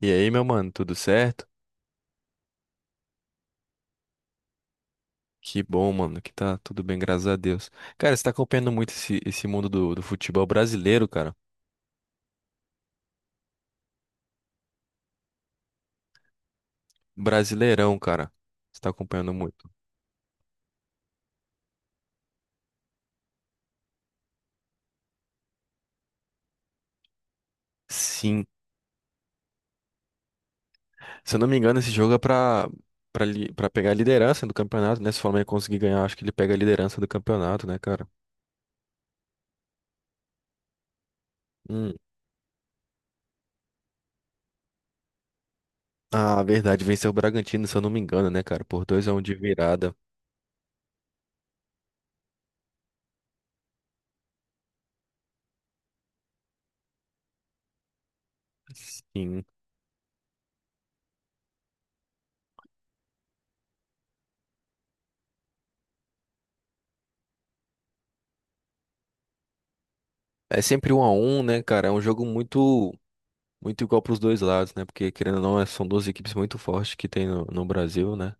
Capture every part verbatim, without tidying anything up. E aí, meu mano, tudo certo? Que bom, mano, que tá tudo bem, graças a Deus. Cara, você tá acompanhando muito esse, esse mundo do, do futebol brasileiro, cara. Brasileirão, cara. Você tá acompanhando muito. Sim. Se eu não me engano, esse jogo é pra, pra, li- pra pegar a liderança do campeonato, né? Se o Flamengo conseguir ganhar, acho que ele pega a liderança do campeonato, né, cara? Hum. Ah, verdade, venceu o Bragantino, se eu não me engano, né, cara? Por dois a um de virada. Sim. É sempre um a um, né, cara? É um jogo muito. Muito igual para os dois lados, né? Porque, querendo ou não, é- são duas equipes muito fortes que tem no, no Brasil, né?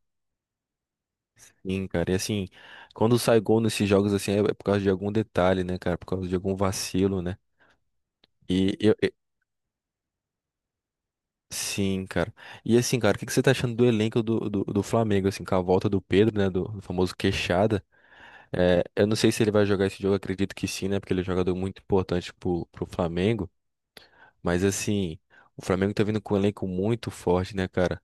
Sim, cara. E assim, quando sai gol nesses jogos, assim, é é por causa de algum detalhe, né, cara? Por causa de algum vacilo, né? E eu. e- Sim, cara. E assim, cara, o que que você tá achando do elenco do, do, do Flamengo, assim, com a volta do Pedro, né? Do, do famoso Queixada. É, eu não sei se ele vai jogar esse jogo, acredito que sim, né? Porque ele é um jogador muito importante pro, pro Flamengo. Mas assim, o Flamengo tá vindo com um elenco muito forte, né, cara?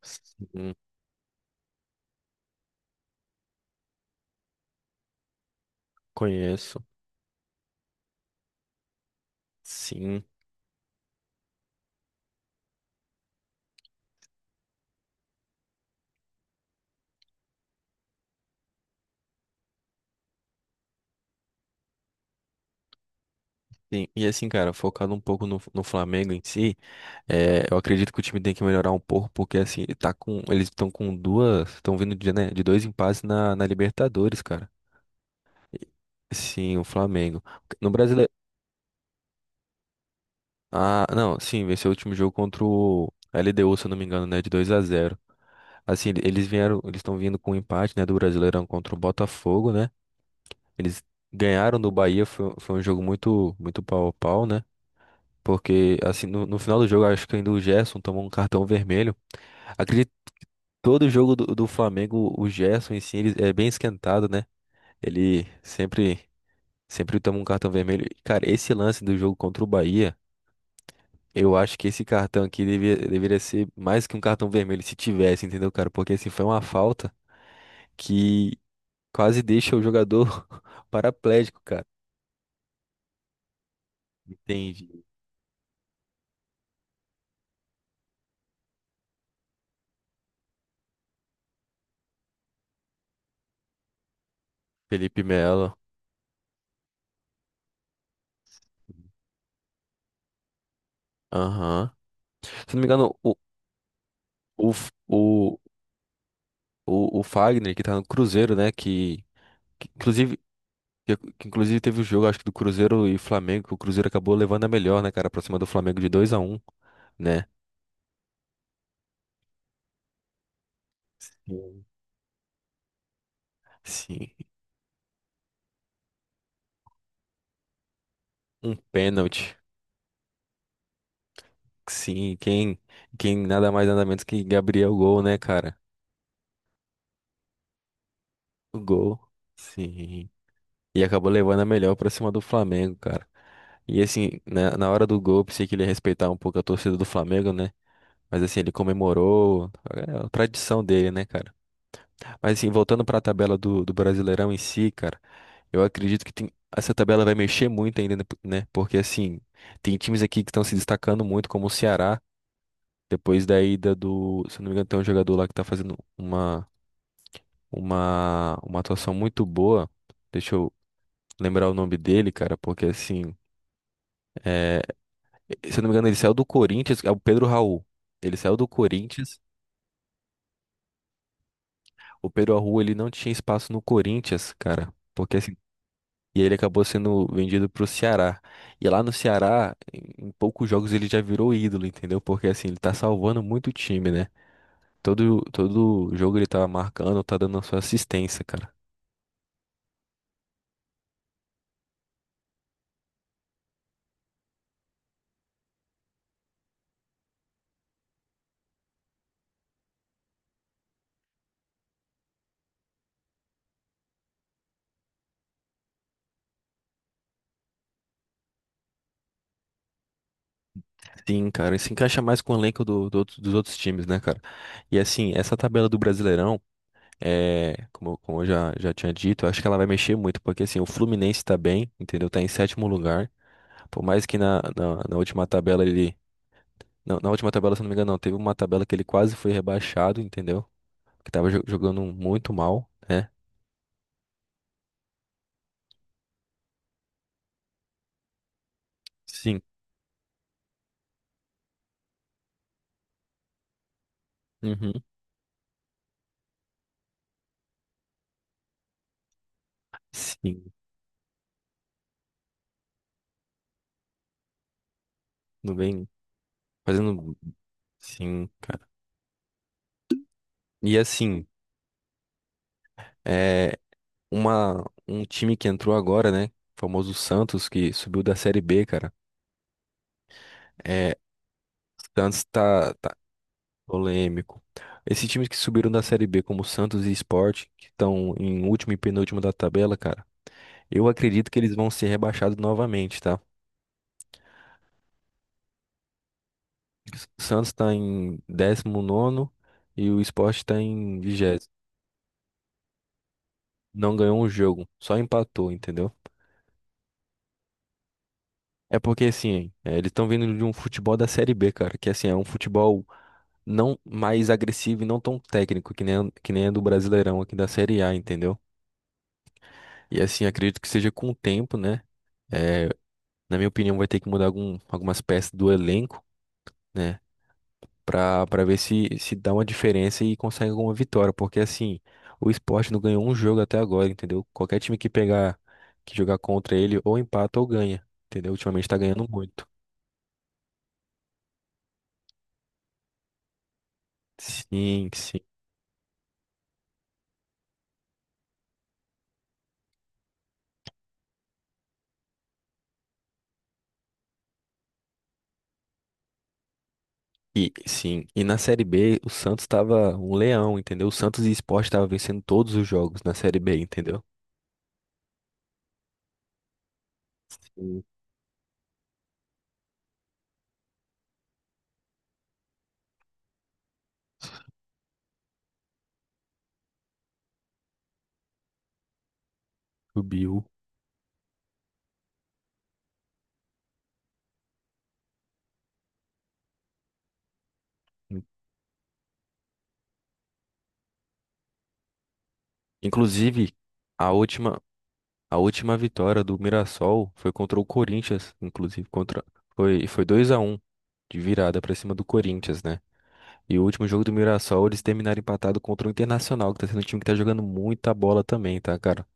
Sim, conheço. Sim, sim. E assim, cara, focado um pouco no, no Flamengo em si, é, eu acredito que o time tem que melhorar um pouco, porque assim, ele tá com, eles estão com duas, estão vindo de, né, de dois empates na, na Libertadores, cara. E- Sim, o Flamengo. No Brasileiro. Ah, não, sim, venceu o último jogo contra o L D U, se eu não me engano, né, de dois a zero. Assim, ele- eles vieram, eles estão vindo com um empate, né, do Brasileirão contra o Botafogo, né? Eles ganharam do Bahia, foi, foi um jogo muito muito pau a pau, né? Porque, assim, no, no final do jogo, acho que ainda o Gerson tomou um cartão vermelho. Acredito que todo jogo do, do Flamengo, o Gerson em si, ele é bem esquentado, né? Ele sempre, sempre toma um cartão vermelho. E, cara, esse lance do jogo contra o Bahia, eu acho que esse cartão aqui devia, deveria ser mais que um cartão vermelho, se tivesse, entendeu, cara? Porque, assim, foi uma falta que quase deixa o jogador paraplégico, cara. Entende? Felipe Melo. Aham. Se não me engano, o, o, f- o, O, o Fagner, que tá no Cruzeiro, né? Que, que inclusive, que, que inclusive teve o jogo, acho que do Cruzeiro e Flamengo, que o Cruzeiro acabou levando a melhor, né, cara, pra cima do Flamengo de dois a um né? Sim. Sim, um pênalti. Sim, quem, quem nada mais nada menos que Gabriel Gol, né, cara? O gol. Sim. E acabou levando a melhor pra cima do Flamengo, cara. E assim, na, na hora do gol, eu pensei que ele ia respeitar um pouco a torcida do Flamengo, né? Mas assim, ele comemorou. É a tradição dele, né, cara? Mas assim, voltando para a tabela do, do Brasileirão em si, cara, eu acredito que tem- essa tabela vai mexer muito ainda, né? né? Porque assim, tem times aqui que estão se destacando muito, como o Ceará, depois da ida do, se eu não me engano, tem um jogador lá que tá fazendo uma uma uma atuação muito boa. Deixa eu lembrar o nome dele, cara, porque assim, é, se eu não me engano, ele saiu do Corinthians, é o Pedro Raul. Ele saiu do Corinthians. O Pedro Raul, ele não tinha espaço no Corinthians, cara. Porque assim, e ele acabou sendo vendido pro Ceará. E lá no Ceará, em em poucos jogos ele já virou ídolo, entendeu? Porque assim, ele tá salvando muito o time, né? Todo, todo jogo ele tá marcando, tá dando a sua assistência, cara. Sim, cara, e se encaixa mais com o elenco do- do outro- dos outros times, né, cara? E assim, essa tabela do Brasileirão, é, como, eu- como eu já, já tinha dito, eu acho que ela vai mexer muito, porque assim, o Fluminense tá bem, entendeu? Tá em sétimo lugar. Por mais que na, na na última tabela ele. Não, na última tabela, se eu não me engano, não. Teve uma tabela que ele quase foi rebaixado, entendeu? Que tava jo- jogando muito mal, né? Sim. Uhum. Sim. Não vem fazendo. Sim, cara. E assim, é uma, um time que entrou agora, né? O famoso Santos, que subiu da Série B, cara. É, Santos tá, tá polêmico. Esses times que subiram da Série B, como Santos e Sport, que estão em último e penúltimo da tabela, cara. Eu acredito que eles vão ser rebaixados novamente, tá? Santos está em décimo nono e o Sport está em vigésimo. Não ganhou um jogo, só empatou, entendeu? É porque assim, é, eles estão vindo de um futebol da Série B, cara, que assim é um futebol não mais agressivo e não tão técnico que nem que nem é do Brasileirão aqui da Série A, entendeu? E assim, acredito que seja com o tempo, né? É, na minha opinião, vai ter que mudar algum, algumas peças do elenco. Né? para para ver se se dá uma diferença e consegue alguma vitória, porque assim, o esporte não ganhou um jogo até agora, entendeu? Qualquer time que pegar, que jogar contra ele, ou empata ou ganha, entendeu? Ultimamente tá ganhando muito. Sim, sim. E, sim, e na Série B o Santos tava um leão, entendeu? O Santos e o Sport tava vencendo todos os jogos na Série B, entendeu? Sim. Subiu. Inclusive, a última, A última vitória do Mirassol foi contra o Corinthians, inclusive contra foi foi dois a um de virada pra cima do Corinthians, né? E o último jogo do Mirassol, eles terminaram empatado contra o Internacional, que tá sendo um time que tá jogando muita bola também, tá, cara?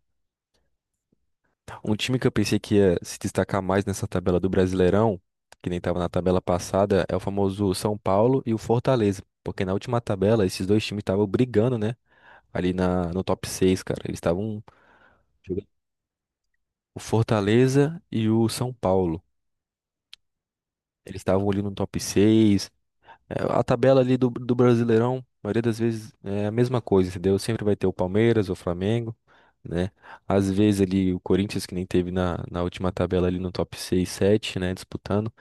Um time que eu pensei que ia se destacar mais nessa tabela do Brasileirão, que nem tava na tabela passada, é o famoso São Paulo e o Fortaleza, porque na última tabela esses dois times estavam brigando, né? Ali na, no top seis, cara. Eles estavam jogando o Fortaleza e o São Paulo. Eles estavam ali no top seis. É, a tabela ali do, do Brasileirão, a maioria das vezes é a mesma coisa, entendeu? Sempre vai ter o Palmeiras, o Flamengo, né? Às vezes ali o Corinthians, que nem teve na, na última tabela ali no top seis sete né? Disputando.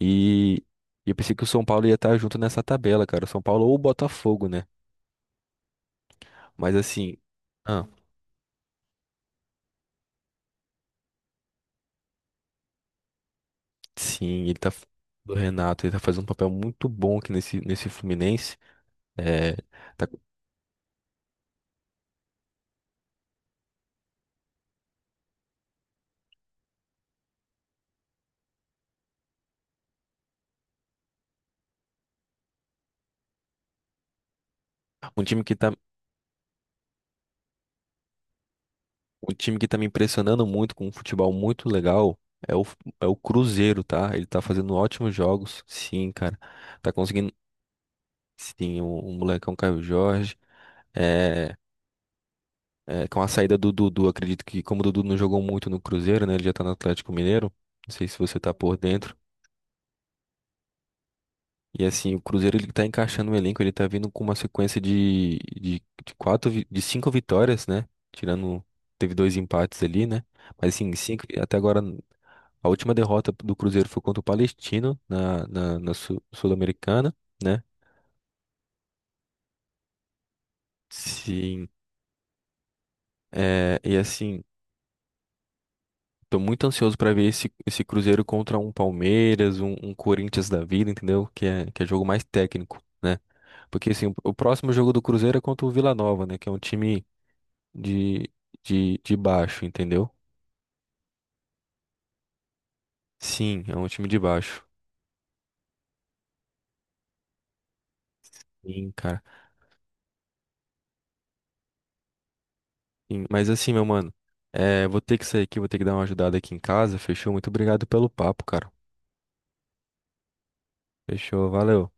E, e eu pensei que o São Paulo ia estar junto nessa tabela, cara. O São Paulo ou o Botafogo, né? Mas assim, ah, sim, ele tá. Do Renato, ele tá fazendo um papel muito bom aqui nesse, nesse Fluminense. É, tá- um time que tá. Um time que tá me impressionando muito com um futebol muito legal é o, é o Cruzeiro, tá? Ele tá fazendo ótimos jogos, sim, cara. Tá conseguindo, sim, o, o molecão Caio Jorge. É, é, com a saída do Dudu, acredito que como o Dudu não jogou muito no Cruzeiro, né? Ele já tá no Atlético Mineiro. Não sei se você tá por dentro. E assim, o Cruzeiro ele tá encaixando o elenco, ele tá vindo com uma sequência de, de, de quatro, vi- de cinco vitórias, né? Tirando, teve dois empates ali, né? Mas assim, cinco, até agora, a última derrota do Cruzeiro foi contra o Palestino na, na, na Sul- Sul-Americana, né? Sim, é, e assim, tô muito ansioso pra ver esse, esse Cruzeiro contra um Palmeiras, um, um Corinthians da vida, entendeu? Que é, que é jogo mais técnico, né? Porque assim, o o próximo jogo do Cruzeiro é contra o Vila Nova, né? Que é um time de, de, de baixo, entendeu? Sim, é um time de baixo. Sim, cara. Sim, mas assim, meu mano, é, vou ter que sair aqui, vou ter que dar uma ajudada aqui em casa. Fechou? Muito obrigado pelo papo, cara. Fechou, valeu.